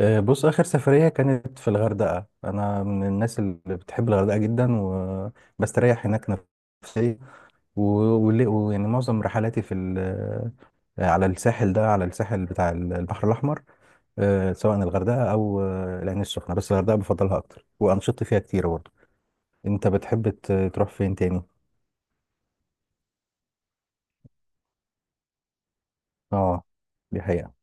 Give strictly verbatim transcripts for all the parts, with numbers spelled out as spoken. آه، بص، آخر سفرية كانت في الغردقة. أنا من الناس اللي بتحب الغردقة جدا وبستريح هناك نفسيا. و- واللي- ويعني معظم رحلاتي في ال- آه، على الساحل ده، على الساحل بتاع البحر الأحمر. آه، سواء الغردقة أو آه، العين السخنة، بس الغردقة بفضلها أكتر، وأنشطتي فيها كتير برضه. أنت بتحب ت- تروح فين تاني؟ أه، دي حقيقة.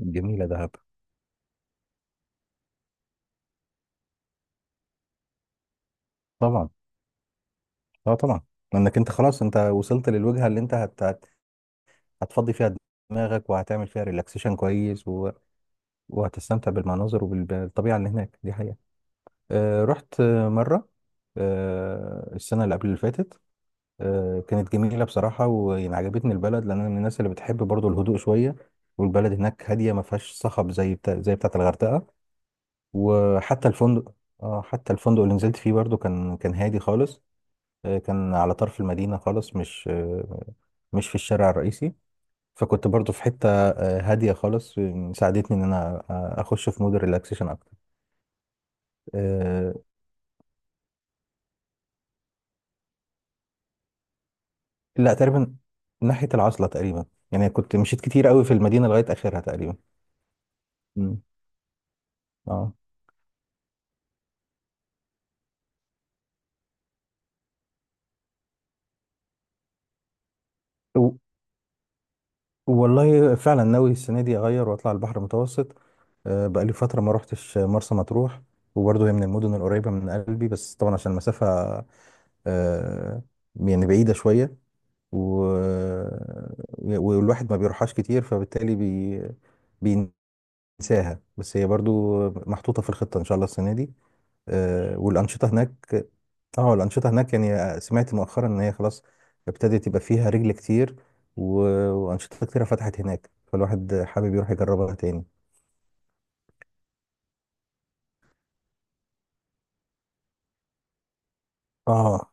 جميلة دهب. طبعا. أه طبعا. لأنك أنت خلاص، أنت وصلت للوجهة اللي أنت هت هتفضي فيها دماغك، وهتعمل فيها ريلاكسيشن كويس و... وهتستمتع بالمناظر وبالطبيعة اللي هناك. دي حقيقة. آه، رحت آه، مرة. آه، السنة اللي قبل اللي فاتت. آه، كانت جميلة بصراحة، ويعني عجبتني البلد لأن أنا من الناس اللي بتحب برضو الهدوء شوية. والبلد هناك هادية، ما فيهاش صخب زي بتا... زي بتاعة الغردقة. وحتى الفندق، اه حتى الفندق اللي نزلت فيه برضو كان كان هادي خالص. آه، كان على طرف المدينة خالص، مش آه، مش في الشارع الرئيسي. فكنت برضو في حتة آه، هادية خالص، آه، ساعدتني إن أنا آه، أخش في مود الريلاكسيشن أكتر. آه، لا، تقريبا ناحية العزلة تقريبا. يعني كنت مشيت كتير قوي في المدينة لغاية آخرها تقريبا. مم. اه. و- والله فعلا ناوي السنة دي أغير وأطلع البحر المتوسط. آه، بقالي فترة ما روحتش مرسى مطروح، وبرضه هي من المدن القريبة من قلبي، بس طبعا عشان المسافة آه، يعني بعيدة شوية و... والواحد ما بيروحهاش كتير، فبالتالي بي... انساها، بس هي برضو محطوطة في الخطة إن شاء الله السنة دي. آه، والأنشطة هناك، اه الأنشطة هناك يعني آه، سمعت مؤخرا إن هي خلاص ابتدت، يبقى فيها رجل كتير و- وأنشطة كتيرة فتحت هناك، فالواحد حابب يروح يجربها تاني. اه،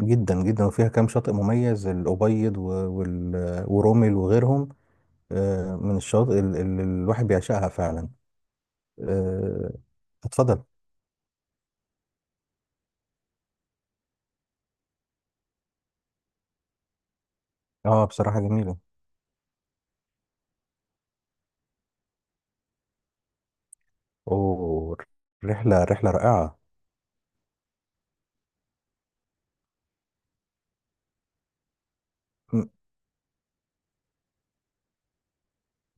جدا جدا. وفيها كام شاطئ مميز: الأبيض و- وال- ورمل وغيرهم. آه، من الشاطئ اللي اللي الواحد بيعشقها فعلا. آه، اتفضل. اه بصراحة جميلة. اوه. الرحلة رحلة رائعة.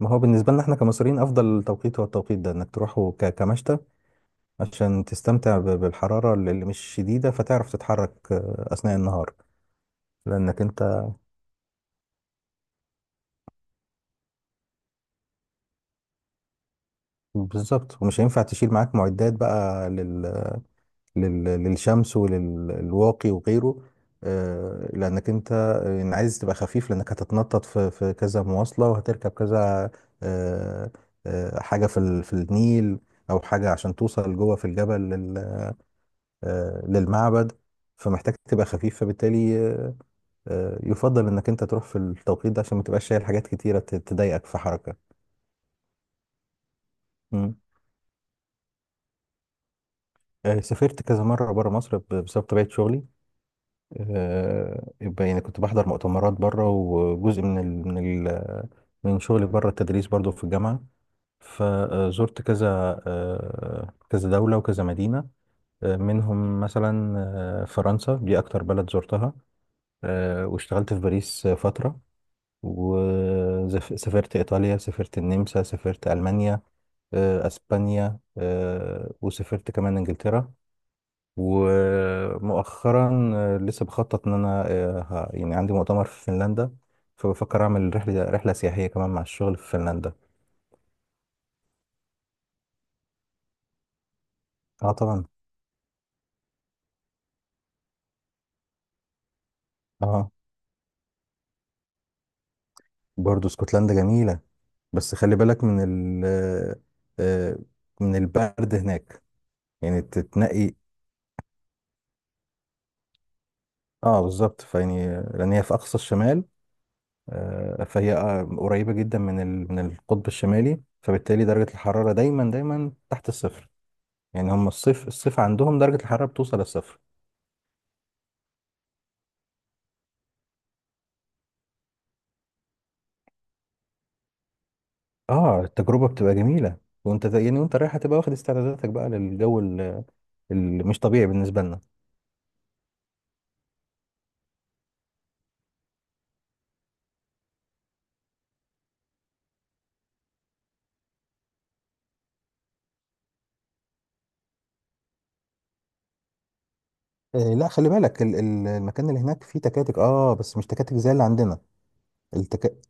ما هو بالنسبة لنا احنا كمصريين أفضل توقيت هو التوقيت ده، إنك تروحه ك- كمشتى، عشان تستمتع ب- بالحرارة اللي اللي مش شديدة، فتعرف تتحرك آه، أثناء النهار. لأنك أنت بالظبط، ومش هينفع تشيل معاك معدات بقى لل... لل... للشمس وللواقي وغيره. آه، لأنك أنت آه، عايز تبقى خفيف، لأنك هتتنطط في, في كذا مواصلة، وهتركب كذا آه، آه، حاجة في, ال... في النيل، أو حاجة عشان توصل جوه في الجبل، آه، للمعبد. فمحتاج تبقى خفيف، فبالتالي آه، يفضل انك انت تروح في التوقيت ده، عشان ما تبقاش شايل حاجات كتيره ت- تضايقك في حركه. مم. آه، سافرت كذا مره بره مصر ب- بسبب طبيعه شغلي. آه، يبقى يعني كنت بحضر مؤتمرات بره، وجزء من ال من ال من شغلي بره التدريس برضو في الجامعه. فزرت كذا، آه، كذا دوله وكذا مدينه. آه، منهم مثلا آه، فرنسا، دي اكتر بلد زرتها. آه، واشتغلت في باريس فتره، وسافرت إيطاليا، سافرت النمسا، سافرت ألمانيا، آه، أسبانيا، آه، وسافرت كمان إنجلترا. ومؤخرا آه، لسه بخطط إن أنا آه، ه- يعني عندي مؤتمر في فنلندا، فبفكر أعمل رحلة رحلة سياحية كمان مع الشغل في فنلندا. اه طبعا. اه برضو اسكتلندا جميلة، بس خلي بالك من ال آه، آه، من البرد هناك، يعني تتنقي. اه بالظبط، فيعني لأن هي في أقصى الشمال، آه، فهي آه، قريبة جدا من ال... من القطب الشمالي، فبالتالي درجة الحرارة دايما دايما تحت الصفر. يعني هم الصيف الصيف عندهم درجة الحرارة بتوصل للصفر. اه التجربة بتبقى جميلة. وانت زي- يعني وانت رايح هتبقى واخد استعداداتك بقى للجو اللي مش طبيعي بالنسبة لنا. آه، لا، خلي بالك ال... ال- المكان اللي هناك فيه تكاتك، اه بس مش تكاتك زي اللي عندنا. التك...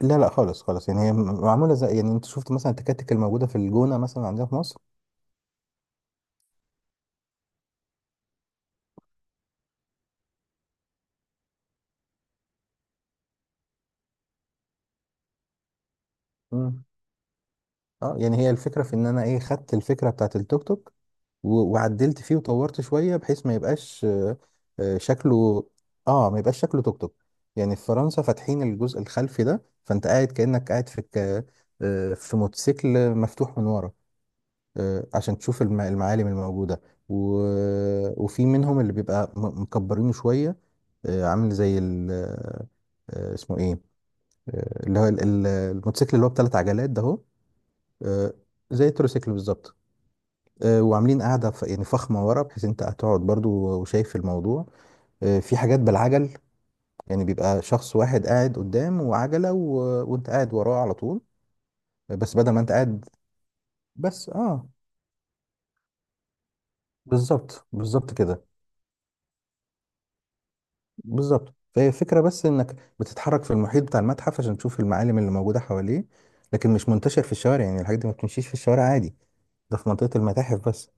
لا لا، خالص خالص، يعني هي م- معمولة زي، يعني انت شفت مثلا التكاتك الموجودة في الجونة مثلا عندنا في مصر. مم. اه يعني هي الفكرة في ان انا ايه خدت الفكرة بتاعت التوك توك و- وعدلت فيه وطورت شوية بحيث ما يبقاش آه، آه، شكله. اه ما يبقاش شكله توك توك. يعني في فرنسا فاتحين الجزء الخلفي ده، فانت قاعد كأنك قاعد في ك... آه، في موتوسيكل مفتوح من ورا، آه، عشان تشوف الم- المعالم الموجودة و... وفي منهم اللي بيبقى م- مكبرينه شوية، آه، عامل زي ال... آه، آه، اسمه ايه، آه، اللي هو ال- ال- الموتوسيكل اللي هو بثلاث عجلات ده اهو. آه، زي التروسيكل بالظبط. آه، وعاملين قاعدة ف- يعني فخمة ورا، بحيث انت هتقعد برضو وشايف الموضوع. آه، في حاجات بالعجل، يعني بيبقى شخص واحد قاعد قدام وعجلة و... وانت قاعد وراه على طول، بس بدل ما انت قاعد. بس اه بالظبط بالظبط كده. بالظبط، فهي فكرة بس انك بتتحرك في المحيط بتاع المتحف عشان تشوف المعالم اللي موجودة حواليه. لكن مش منتشر في الشوارع، يعني الحاجات دي ما بتمشيش في الشوارع عادي. ده في منطقة المتاحف بس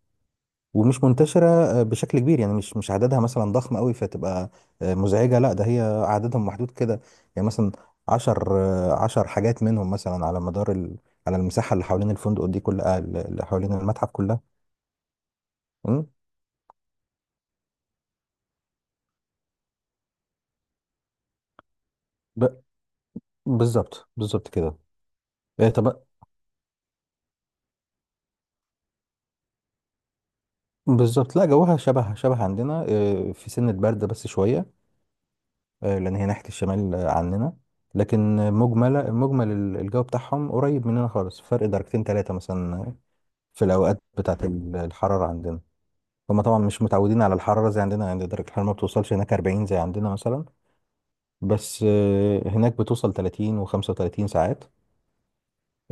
ومش منتشرة آه، بشكل كبير، يعني مش مش عددها مثلا ضخم قوي، فتبقى آه، مزعجة. لا، ده هي عددهم محدود كده، يعني مثلا عشر آه، عشر حاجات منهم مثلا على مدار ال... على المساحة اللي حوالين الفندق دي كلها، اللي حوالين المتحف كلها. مم. ب... بالظبط بالظبط كده. آه، طب بالظبط، لا جوها شبه شبه عندنا، آه، في سنة برد بس شوية، آه، لأن هي ناحية الشمال آه، عننا. لكن مجمل مجمل الجو بتاعهم قريب مننا خالص، فرق درجتين ثلاثة مثلا، آه، في الأوقات بتاعة ال- الحرارة عندنا. هما طبعا مش متعودين على الحرارة زي عندنا، يعني درجة الحرارة ما بتوصلش هناك أربعين زي عندنا مثلا، بس آه، هناك بتوصل تلاتين و35 ساعات.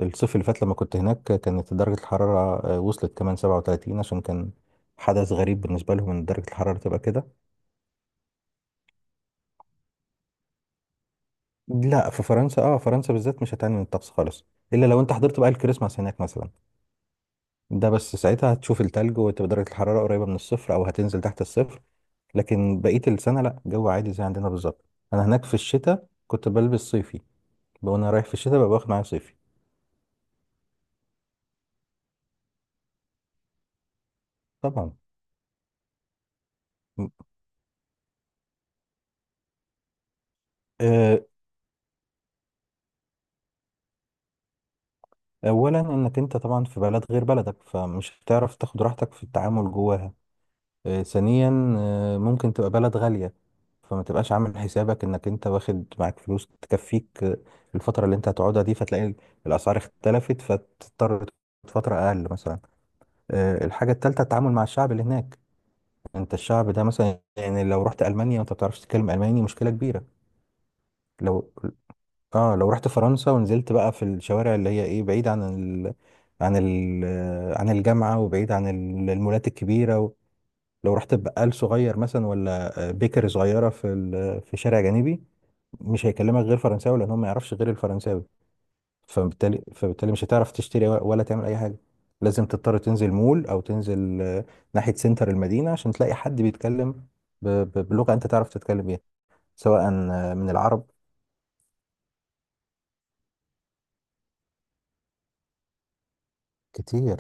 الصيف اللي فات لما كنت هناك كانت درجة الحرارة آه، وصلت كمان سبعة وتلاتين، عشان كان حدث غريب بالنسبة لهم ان درجة الحرارة تبقى كده. لا، في فرنسا اه فرنسا بالذات مش هتعاني من الطقس خالص، الا لو انت حضرت بقى الكريسماس هناك مثلا. ده بس ساعتها هتشوف التلج، وتبقى درجة الحرارة قريبة من الصفر او هتنزل تحت الصفر. لكن بقية السنة لا، جو عادي زي عندنا بالظبط. أنا هناك في الشتاء كنت بلبس صيفي، وأنا رايح في الشتاء ببقى باخد معايا صيفي. طبعا. م- آه، أولا، إنك أنت طبعا في بلد غير بلدك، فمش هتعرف تاخد راحتك في التعامل جواها. آه، ثانيا آه، ممكن تبقى بلد غالية، فما تبقاش عامل حسابك إنك أنت واخد معاك فلوس تكفيك آه، الفترة اللي أنت هتقعدها دي، فتلاقي ال- الأسعار اختلفت، فتضطر تقعد فترة أقل مثلا. آه، الحاجة التالتة، التعامل مع الشعب اللي هناك. انت الشعب ده مثلا يعني لو رحت المانيا وانت ما بتعرفش تتكلم الماني مشكله كبيره. لو اه لو رحت فرنسا ونزلت بقى في الشوارع اللي هي ايه، بعيد عن ال... عن ال... عن الجامعه وبعيد عن ال- المولات الكبيره و... لو رحت بقال صغير مثلا، ولا بيكر صغيره في ال... في شارع جانبي، مش هيكلمك غير فرنساوي، لان هو ما يعرفش غير الفرنساوي. فبالتالي فبالتالي مش هتعرف تشتري ولا ولا تعمل اي حاجه. لازم تضطر تنزل مول او تنزل آه، ناحيه سنتر المدينه عشان تلاقي حد بيتكلم ب- ب- بلغه انت تعرف تتكلم بيها. سواء آه، من العرب كتير.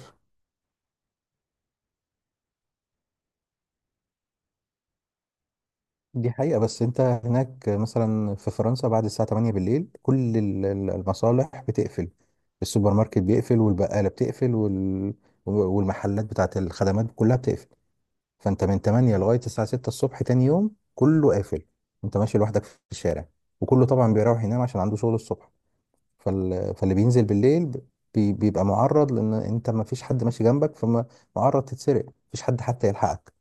دي حقيقه، بس انت هناك مثلا في فرنسا بعد الساعه تمانية بالليل كل ال- ال- المصالح بتقفل، السوبر ماركت بيقفل والبقاله بتقفل وال... والمحلات بتاعت الخدمات كلها بتقفل. فانت من تمانية لغايه الساعه ستة الصبح تاني يوم كله قافل. انت ماشي لوحدك في الشارع، وكله طبعا بيروح ينام عشان عنده شغل الصبح. فال... فاللي بينزل بالليل ب- بي... بيبقى معرض، لان انت ما فيش حد ماشي جنبك، فمعرض تتسرق مفيش حد حتى يلحقك.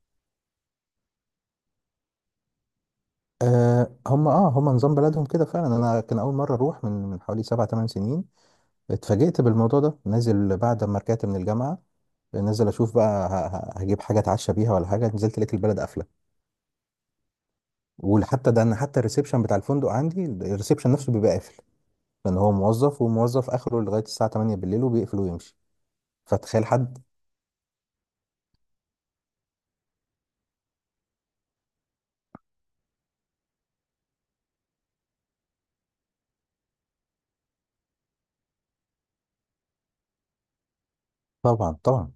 أه هم اه هم نظام بلدهم كده فعلا. انا كان اول مره اروح من من حوالي سبع ثمان سنين، اتفاجئت بالموضوع ده. نازل بعد ما رجعت من الجامعه، نازل اشوف بقى ه- ه- هجيب حاجه اتعشى بيها ولا حاجه، نزلت لقيت البلد قافله. وحتى ده انا حتى الريسبشن بتاع الفندق عندي، الريسبشن نفسه بيبقى قافل، لان هو موظف، وموظف اخره لغايه الساعه تمانية بالليل وبيقفل ويمشي. فتخيل حد. طبعا طبعا.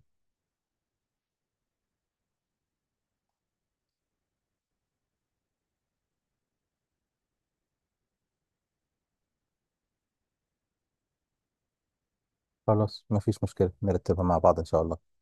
خلاص مفيش مشكله، نرتبها مع بعض ان شاء الله.